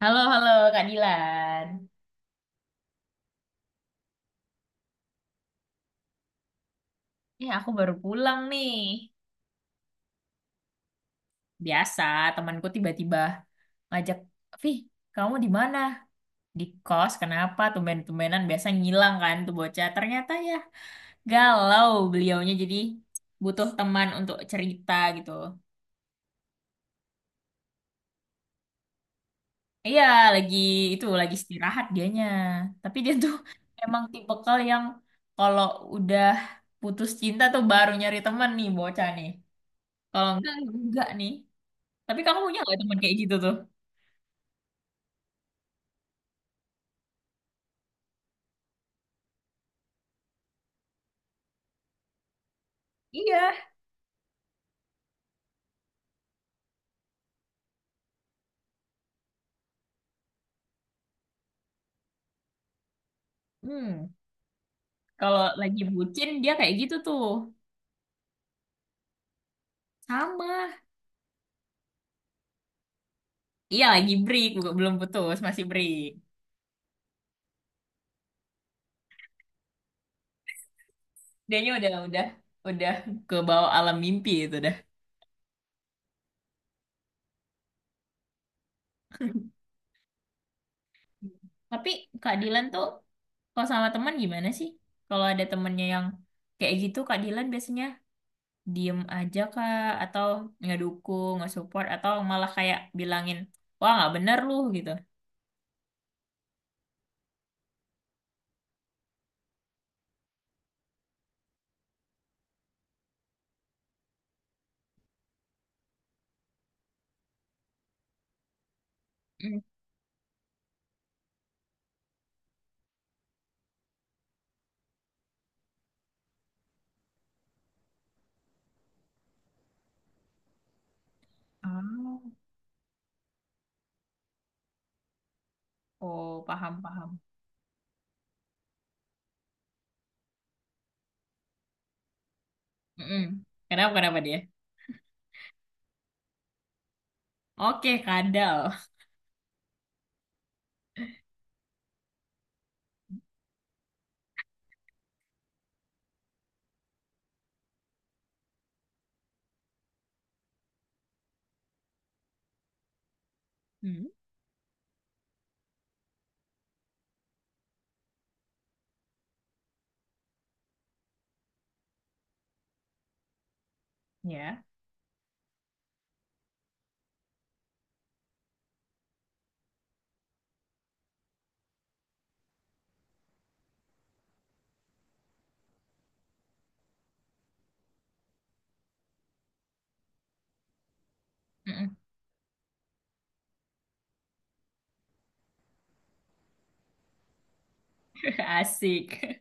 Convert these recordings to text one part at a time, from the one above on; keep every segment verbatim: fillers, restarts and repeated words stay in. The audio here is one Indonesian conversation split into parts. Halo, halo Kak Dilan. Eh, aku baru pulang nih. Biasa, temanku tiba-tiba ngajak, "Vih, kamu di mana?" Di kos, kenapa? Tumben-tumbenan biasa ngilang kan tuh bocah. Ternyata ya galau beliaunya jadi butuh teman untuk cerita gitu. Iya, lagi itu, lagi istirahat dianya. Tapi dia tuh emang tipikal yang kalau udah putus cinta tuh baru nyari teman nih bocah nih. Kalau enggak, enggak nih. Tapi kamu punya nggak teman kayak gitu tuh? Iya. Hmm, Kalau lagi bucin dia kayak gitu tuh. Sama. Iya lagi break, bukan belum putus, masih break. Dianya udah udah udah ke bawah alam mimpi itu dah. Tapi Kak Dilan tuh kalau sama teman gimana sih? Kalau ada temennya yang kayak gitu Kak Dilan biasanya diem aja Kak, atau nggak dukung, nggak support, atau malah kayak bilangin, "Wah, nggak bener lu" gitu. Mm. Ah, oh, paham, paham. Mm-mm. Kenapa kenapa dia? Oke, kadal. Hmm, ya. Mm-mm. Asik.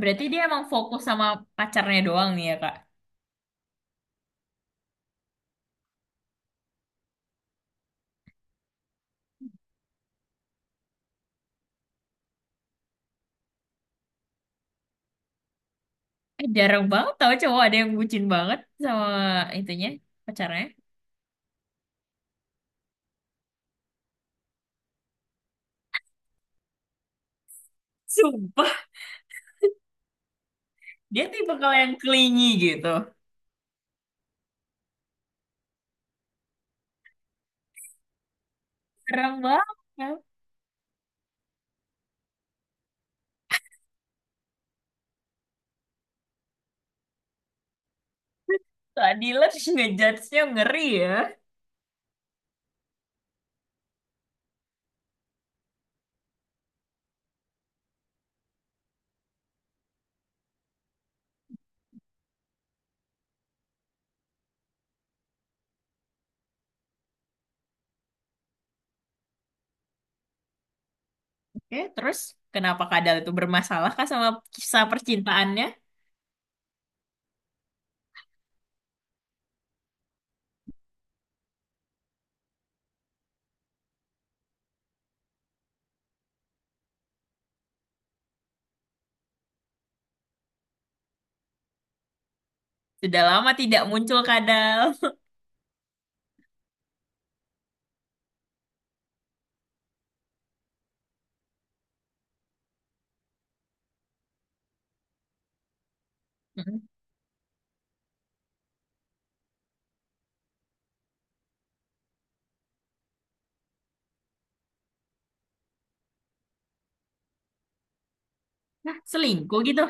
Berarti dia emang fokus sama pacarnya doang nih ya, Kak. Eh, jarang banget tau cowok ada yang bucin banget sama itunya, pacarnya. Sumpah, dia tipe kalau yang clingy gitu. Jarang banget. Keadilan ngejudge-nya ngeri ya. Oke, terus kenapa kadal itu bermasalah kah sama kisah percintaannya? Sudah lama tidak muncul kadal. Nah, selingkuh gitu.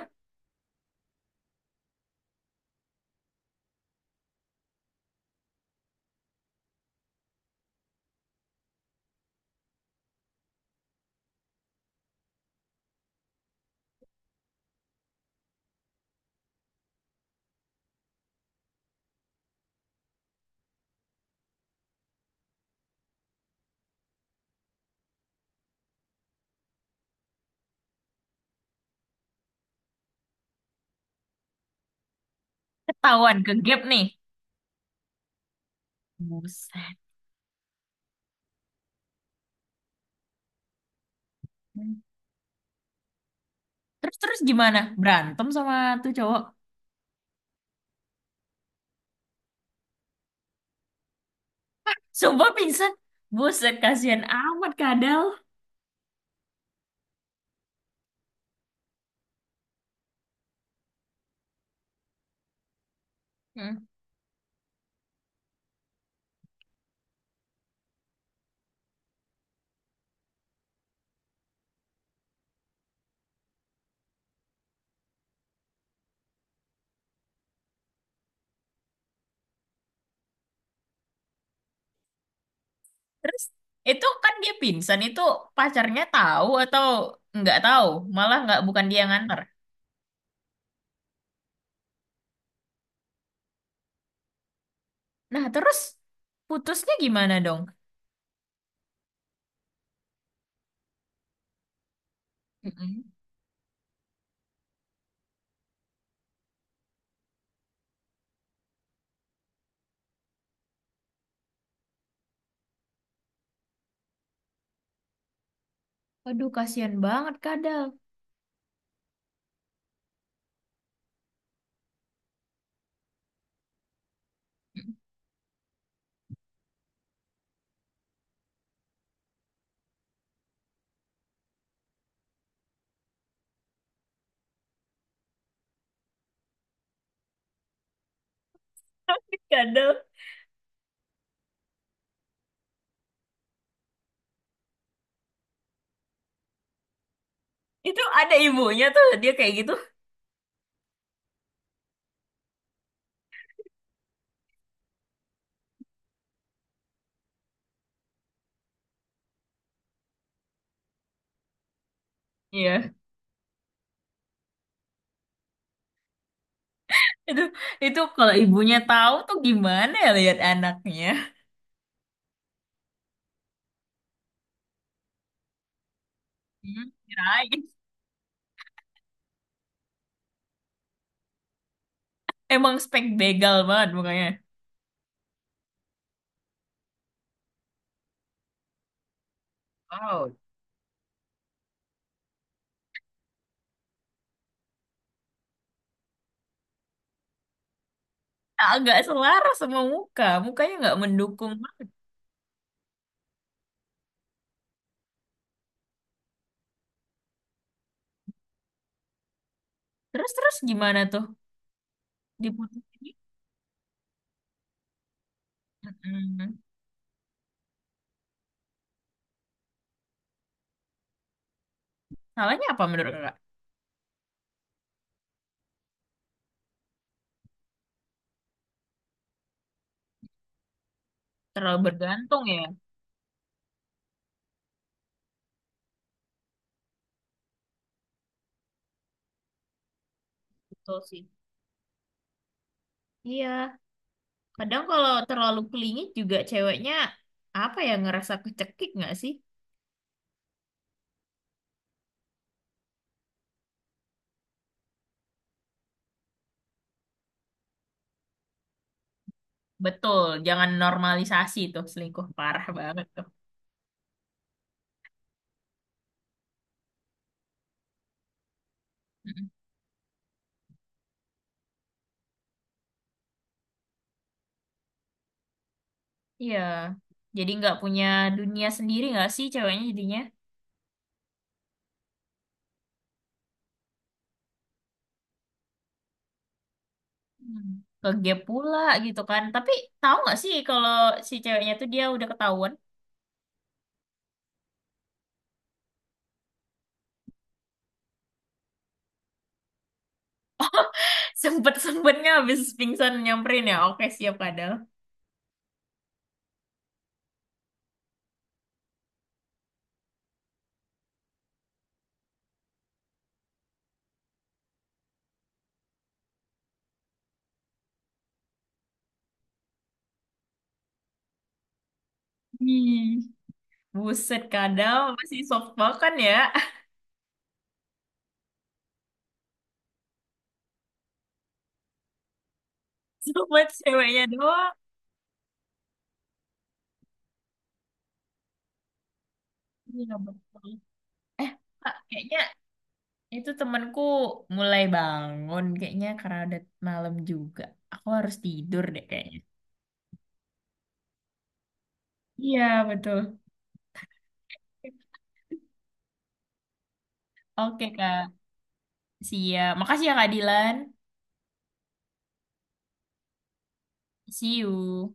Ketahuan ke gap nih. Buset. Terus terus gimana? Berantem sama tuh cowok. Sumpah pingsan. Buset, kasihan amat kadal. Hmm. Terus itu kan dia pingsan itu pacarnya tahu atau nggak tahu, malah nggak bukan dia yang nganter. Nah, terus putusnya gimana dong? Mm-mm. Aduh, kasihan banget kadal. Kadal. Itu ada ibunya tuh dia kayak gitu. Iya. Itu itu kalau ibunya tahu tuh gimana ya lihat anaknya. Hmm, kirain. Emang spek begal banget mukanya. Wow. Agak selaras sama muka. Mukanya nggak mendukung banget. Terus-terus gimana tuh diputus ini? Mm-mm. Salahnya apa menurut kakak? Terlalu bergantung ya? Betul sih. Iya. Kadang kalau terlalu kelingit juga ceweknya, apa ya, ngerasa kecekik nggak sih? Betul. Jangan normalisasi tuh selingkuh. Parah banget tuh. Mm-mm. Iya. Jadi nggak punya dunia sendiri nggak sih ceweknya jadinya? Hmm. Ke gap pula gitu kan, tapi tahu nggak sih kalau si ceweknya tuh dia udah ketahuan. Sempet sempetnya habis pingsan nyamperin ya, oke siap kadal. Hmm. Buset, kadal masih soft kan ya. Sobat ceweknya doang. Iya, betul. Eh Kak, kayaknya itu temanku mulai bangun kayaknya, karena udah malam juga aku harus tidur deh kayaknya. Iya, betul. Oke Kak. Siap, makasih ya Kak Dilan. See you.